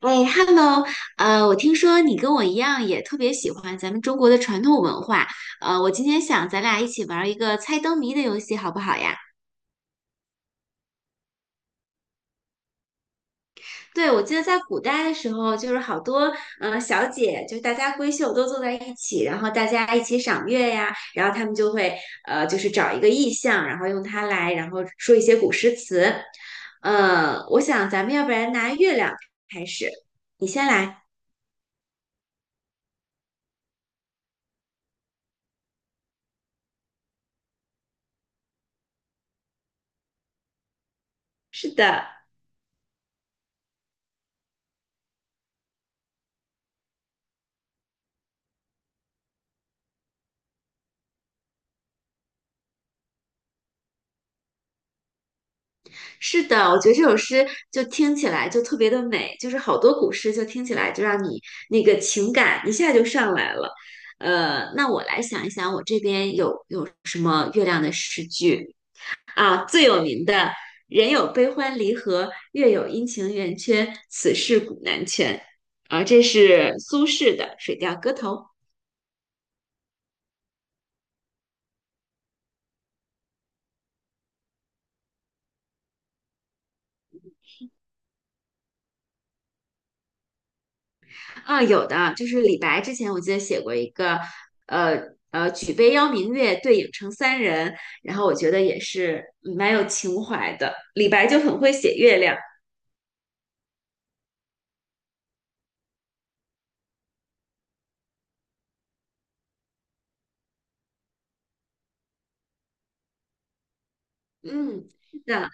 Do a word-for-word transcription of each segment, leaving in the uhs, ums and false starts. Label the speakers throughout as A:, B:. A: 哎，Hello，呃，我听说你跟我一样也特别喜欢咱们中国的传统文化，呃，我今天想咱俩一起玩一个猜灯谜的游戏，好不好呀？对，我记得在古代的时候，就是好多呃小姐，就是大家闺秀都坐在一起，然后大家一起赏月呀，然后他们就会呃就是找一个意象，然后用它来，然后说一些古诗词。呃，我想咱们要不然拿月亮开始，你先来。是的。是的，我觉得这首诗就听起来就特别的美，就是好多古诗就听起来就让你那个情感一下就上来了。呃，那我来想一想，我这边有有什么月亮的诗句啊？最有名的"人有悲欢离合，月有阴晴圆缺，此事古难全"，啊，这是苏轼的《水调歌头》。啊，有的，就是李白之前我记得写过一个，呃呃，举杯邀明月，对影成三人，然后我觉得也是嗯蛮有情怀的。李白就很会写月亮，嗯，是的，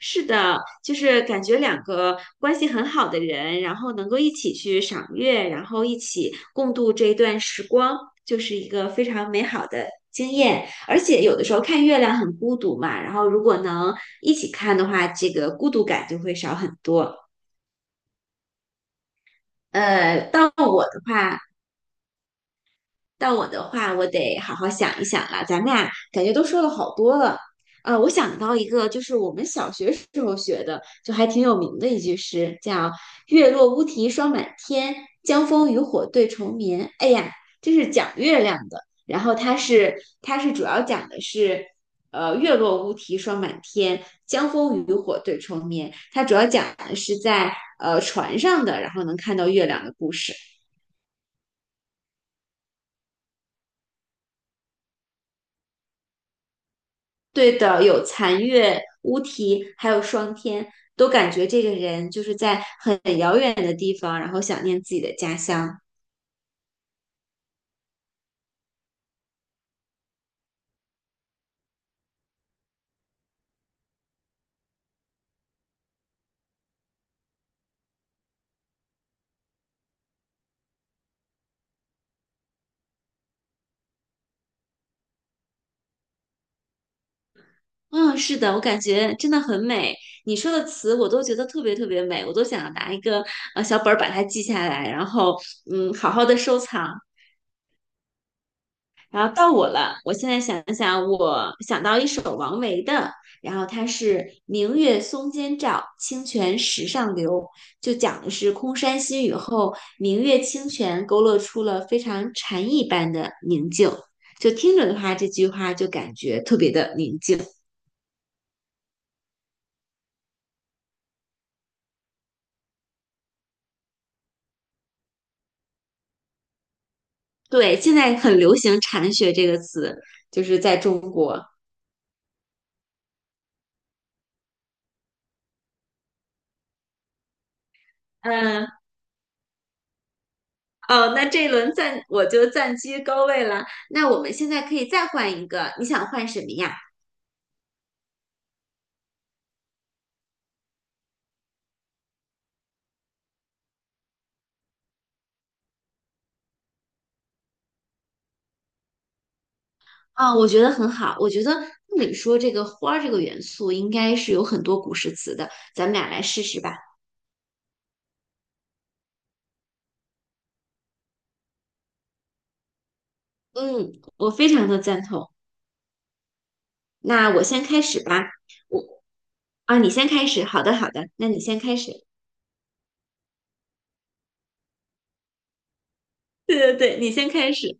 A: 是的，就是感觉两个关系很好的人，然后能够一起去赏月，然后一起共度这一段时光，就是一个非常美好的经验。而且有的时候看月亮很孤独嘛，然后如果能一起看的话，这个孤独感就会少很多。呃，到我的话，到我的话，我得好好想一想了。咱们俩感觉都说了好多了。呃，我想到一个，就是我们小学时候学的，就还挺有名的一句诗，叫"月落乌啼霜满天，江枫渔火对愁眠"。哎呀，这是讲月亮的。然后它是，它是主要讲的是，呃，月落乌啼霜满天，江枫渔火对愁眠。它主要讲的是在呃船上的，然后能看到月亮的故事。对的，有残月、乌啼，还有霜天，都感觉这个人就是在很遥远的地方，然后想念自己的家乡。嗯，是的，我感觉真的很美。你说的词我都觉得特别特别美，我都想要拿一个呃小本儿把它记下来，然后嗯好好的收藏。然后到我了，我现在想想，我想到一首王维的，然后他是"明月松间照，清泉石上流"，就讲的是空山新雨后，明月清泉勾勒出了非常禅意般的宁静。就听着的话，这句话就感觉特别的宁静。对，现在很流行"禅学"这个词，就是在中国。嗯，哦，那这一轮暂我就暂居高位了。那我们现在可以再换一个，你想换什么呀？啊，我觉得很好。我觉得按理说这个花儿这个元素应该是有很多古诗词的，咱们俩来试试吧。嗯，我非常的赞同。那我先开始吧。我啊，你先开始。好的，好的，那你先开始。对对对，你先开始。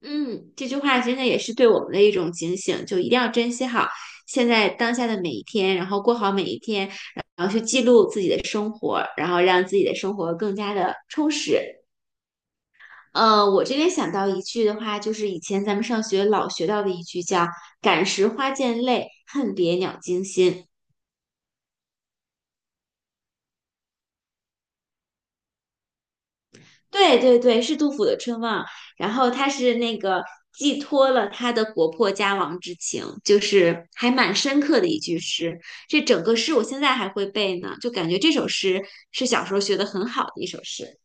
A: 嗯，这句话真的也是对我们的一种警醒，就一定要珍惜好现在当下的每一天，然后过好每一天，然后去记录自己的生活，然后让自己的生活更加的充实。呃，我这边想到一句的话，就是以前咱们上学老学到的一句叫"感时花溅泪，恨别鸟惊心"。对对对，是杜甫的《春望》，然后他是那个寄托了他的国破家亡之情，就是还蛮深刻的一句诗。这整个诗我现在还会背呢，就感觉这首诗是小时候学的很好的一首诗。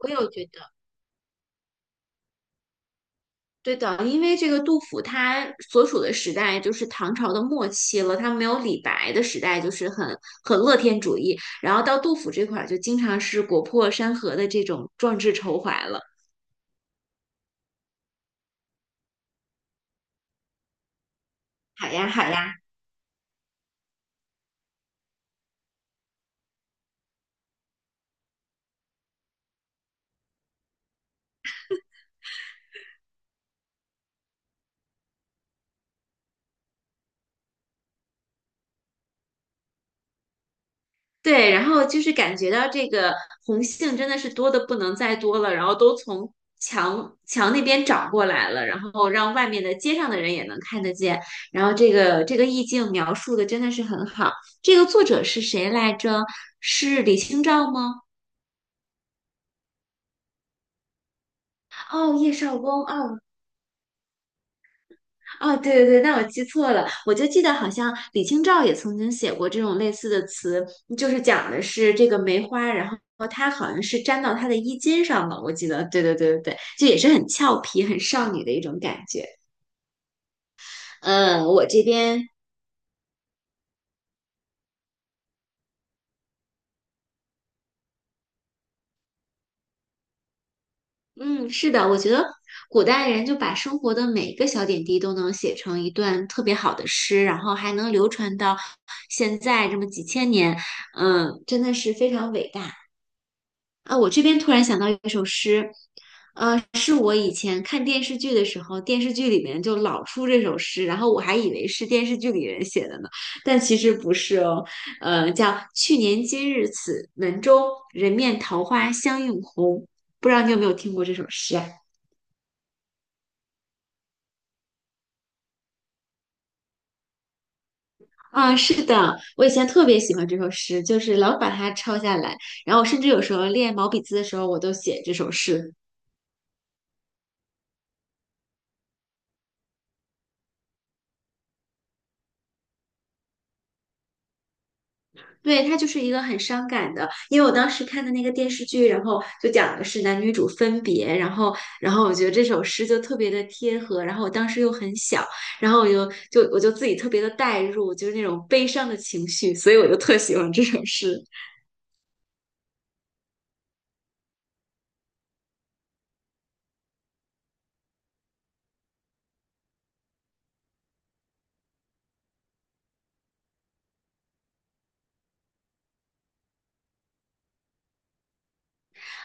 A: 我有觉得。对的，因为这个杜甫他所处的时代就是唐朝的末期了，他没有李白的时代，就是很很乐天主义。然后到杜甫这块儿，就经常是国破山河的这种壮志愁怀了，好呀好呀。对，然后就是感觉到这个红杏真的是多的不能再多了，然后都从墙墙那边找过来了，然后让外面的街上的人也能看得见，然后这个这个意境描述的真的是很好。这个作者是谁来着？是李清照吗？哦，叶绍翁哦，哦，对对对，那我记错了，我就记得好像李清照也曾经写过这种类似的词，就是讲的是这个梅花，然后它好像是粘到她的衣襟上了，我记得，对对对对对，就也是很俏皮、很少女的一种感觉。嗯，我这边，嗯，是的，我觉得古代人就把生活的每一个小点滴都能写成一段特别好的诗，然后还能流传到现在这么几千年，嗯，真的是非常伟大。啊，我这边突然想到一首诗，呃，是我以前看电视剧的时候，电视剧里面就老出这首诗，然后我还以为是电视剧里人写的呢，但其实不是哦，呃，叫去年今日此门中，人面桃花相映红，不知道你有没有听过这首诗啊？啊，是的，我以前特别喜欢这首诗，就是老把它抄下来，然后甚至有时候练毛笔字的时候，我都写这首诗。对，它就是一个很伤感的，因为我当时看的那个电视剧，然后就讲的是男女主分别，然后，然后我觉得这首诗就特别的贴合，然后我当时又很小，然后我就就我就自己特别的带入，就是那种悲伤的情绪，所以我就特喜欢这首诗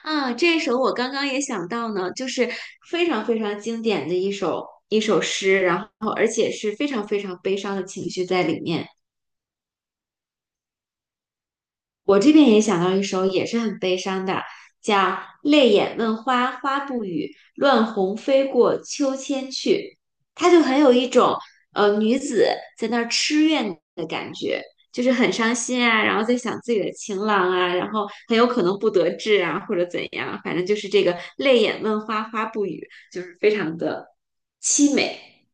A: 啊。这首我刚刚也想到呢，就是非常非常经典的一首一首诗，然后而且是非常非常悲伤的情绪在里面。我这边也想到一首也是很悲伤的，叫《泪眼问花花不语，乱红飞过秋千去》，它就很有一种呃女子在那儿痴怨的感觉，就是很伤心啊，然后在想自己的情郎啊，然后很有可能不得志啊，或者怎样，反正就是这个泪眼问花花不语，就是非常的凄美。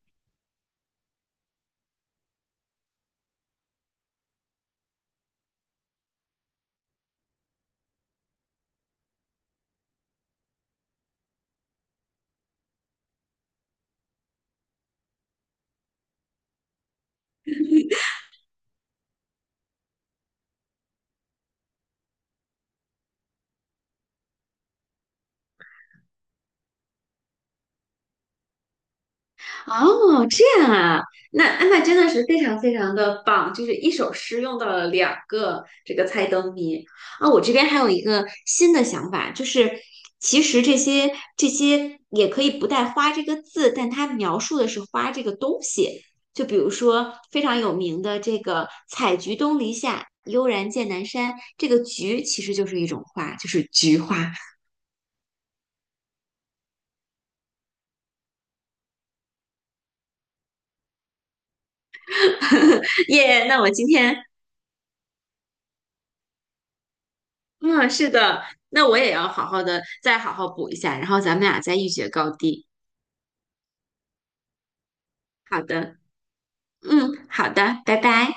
A: 哦，这样啊，那那真的是非常非常的棒，就是一首诗用到了两个这个猜灯谜啊。我这边还有一个新的想法，就是其实这些这些也可以不带"花"这个字，但它描述的是花这个东西。就比如说非常有名的这个"采菊东篱下，悠然见南山"，这个"菊"其实就是一种花，就是菊花。耶那我今天嗯，是的，那我也要好好的再好好补一下，然后咱们俩再一决高低。好的，嗯，好的，拜拜。